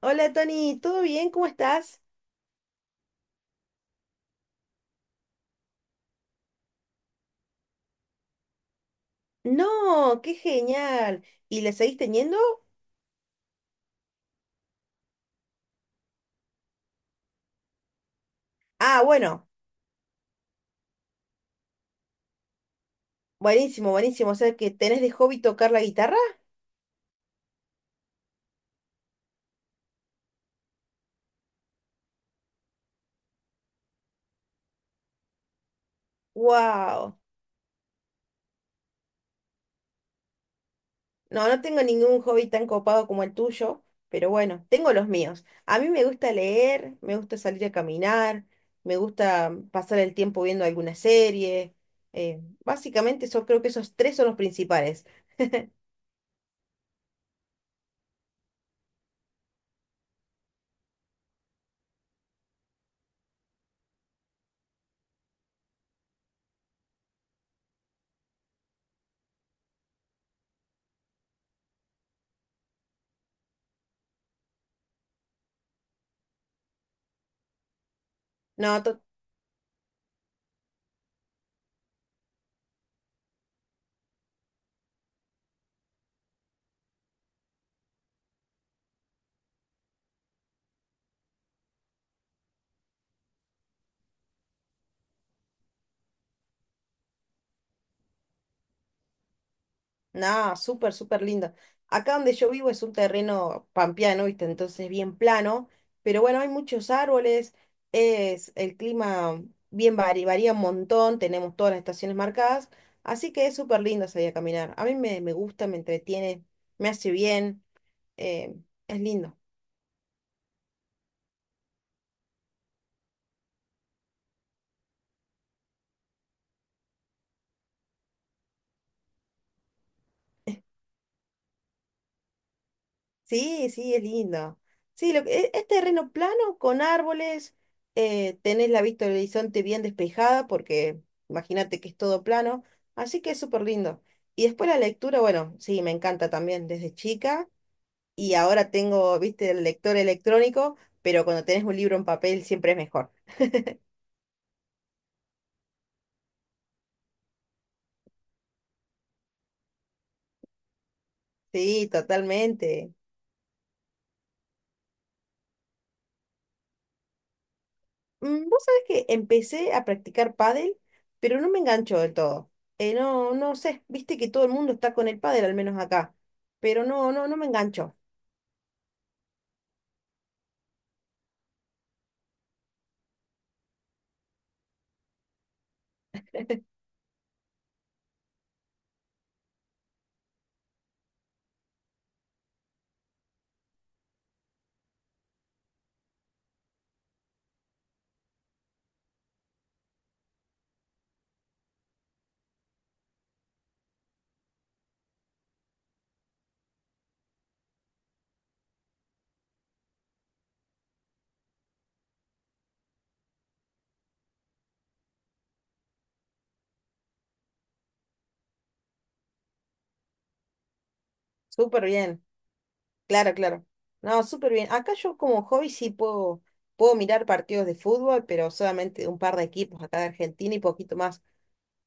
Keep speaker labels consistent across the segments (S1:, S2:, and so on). S1: Hola Tony, ¿todo bien? ¿Cómo estás? No, qué genial. ¿Y le seguís teniendo? Ah, bueno, buenísimo, buenísimo. O sea que tenés de hobby tocar la guitarra. ¡Wow! No, no tengo ningún hobby tan copado como el tuyo, pero bueno, tengo los míos. A mí me gusta leer, me gusta salir a caminar, me gusta pasar el tiempo viendo alguna serie. Básicamente, eso, creo que esos tres son los principales. No, no, súper, súper lindo. Acá donde yo vivo es un terreno pampeano, ¿viste? Entonces bien plano, pero bueno, hay muchos árboles, es el clima varía un montón, tenemos todas las estaciones marcadas, así que es súper lindo salir a caminar. A mí me gusta, me entretiene, me hace bien, eh, es lindo. Sí, sí, es lindo. Sí, es, terreno plano con árboles, tenés la vista del horizonte bien despejada porque imagínate que es todo plano, así que es súper lindo. Y después la lectura, bueno, sí, me encanta también desde chica y ahora tengo, viste, el lector electrónico, pero cuando tenés un libro en papel siempre es mejor. Sí, totalmente. Vos sabés que empecé a practicar pádel, pero no me enganchó del todo. No, no sé, viste que todo el mundo está con el pádel, al menos acá. Pero no, no, no me enganchó. Súper bien, claro, claro. No, súper bien. Acá yo como hobby sí puedo mirar partidos de fútbol, pero solamente un par de equipos acá de Argentina y poquito más.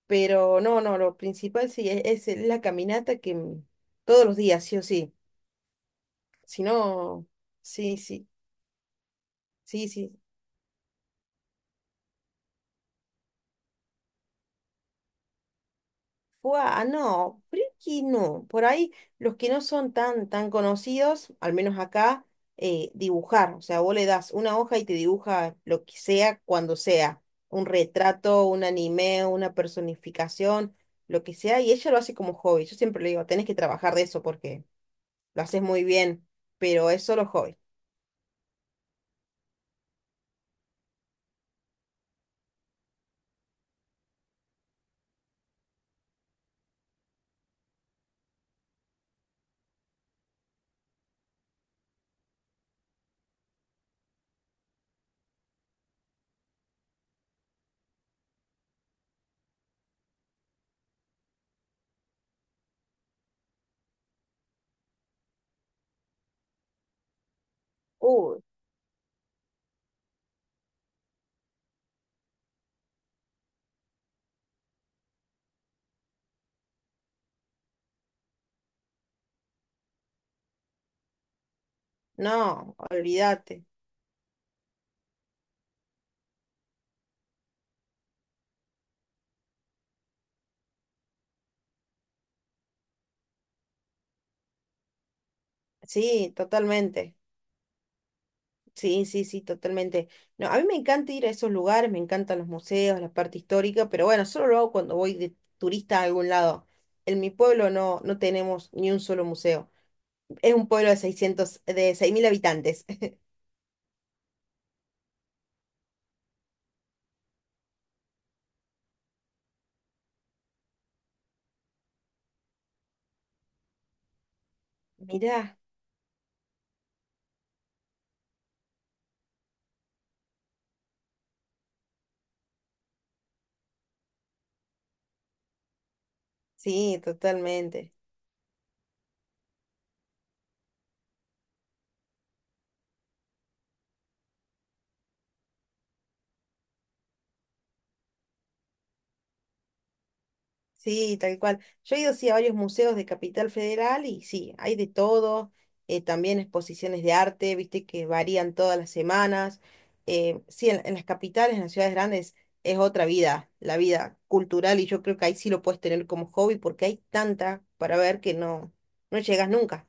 S1: Pero no, no, lo principal sí es la caminata que todos los días, sí o sí. Si no, sí, sí, sí, sí. Fua, no, creo que no. Por ahí los que no son tan conocidos, al menos acá, dibujar. O sea, vos le das una hoja y te dibuja lo que sea, cuando sea. Un retrato, un anime, una personificación, lo que sea. Y ella lo hace como hobby. Yo siempre le digo, tenés que trabajar de eso porque lo haces muy bien, pero es solo hobby. Uy, no, olvídate. Sí, totalmente. Sí, sí, sí, totalmente. No, a mí me encanta ir a esos lugares, me encantan los museos, la parte histórica, pero bueno, solo lo hago cuando voy de turista a algún lado. En mi pueblo no, no tenemos ni un solo museo. Es un pueblo de 6000 habitantes. Mirá, sí, totalmente. Sí, tal cual. Yo he ido sí a varios museos de Capital Federal y sí, hay de todo, también exposiciones de arte, viste que varían todas las semanas. Sí, en las capitales, en las ciudades grandes, es otra vida, la vida cultural, y yo creo que ahí sí lo puedes tener como hobby porque hay tanta para ver que no, no llegas nunca.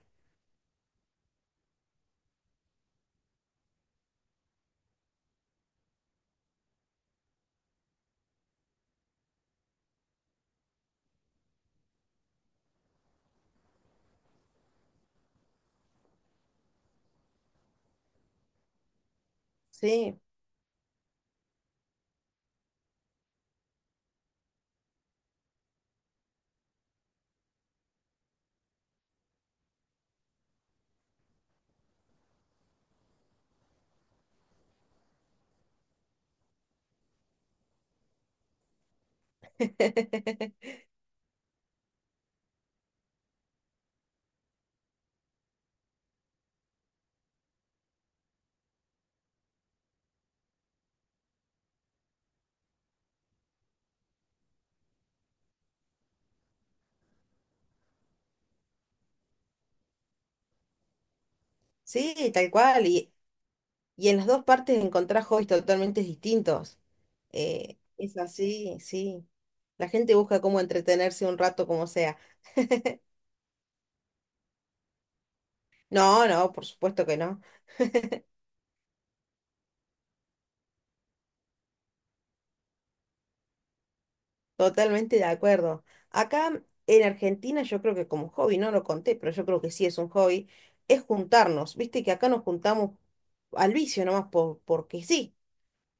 S1: Sí. Sí, tal cual. Y en las dos partes encontrás hobbies totalmente distintos. Es así, sí. La gente busca cómo entretenerse un rato como sea. No, no, por supuesto que no. Totalmente de acuerdo. Acá en Argentina yo creo que como hobby, no lo conté, pero yo creo que sí es un hobby, es juntarnos. Viste que acá nos juntamos al vicio nomás porque sí.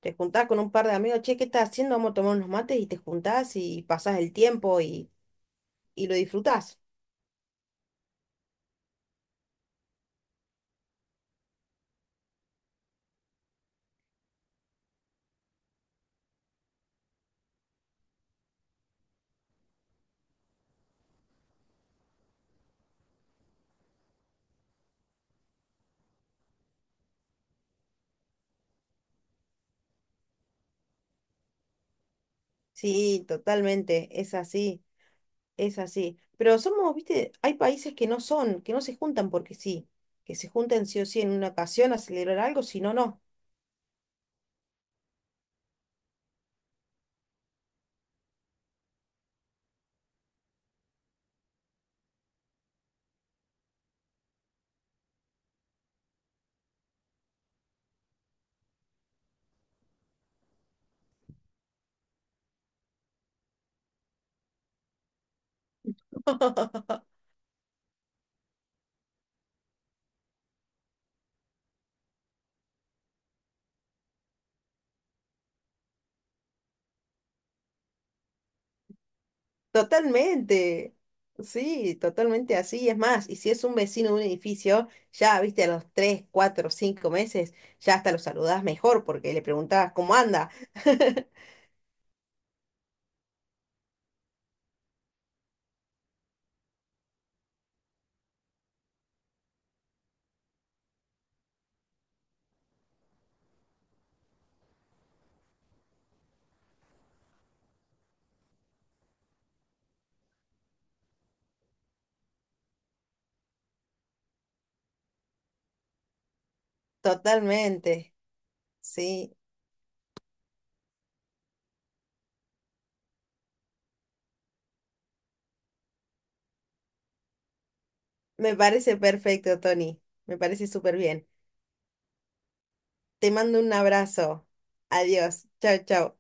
S1: Te juntás con un par de amigos, che, ¿qué estás haciendo? Vamos a tomar unos mates y te juntás y pasás el tiempo y lo disfrutás. Sí, totalmente, es así. Es así. Pero somos, viste, hay países que no son, que no se juntan porque sí, que se juntan sí o sí en una ocasión a celebrar algo, si no, no. Totalmente. Sí, totalmente así. Es más, y si es un vecino de un edificio, ya, viste, a los 3, 4, 5 meses, ya hasta lo saludás mejor porque le preguntabas cómo anda. Totalmente. Sí, me parece perfecto, Tony. Me parece súper bien. Te mando un abrazo. Adiós. Chao, chao.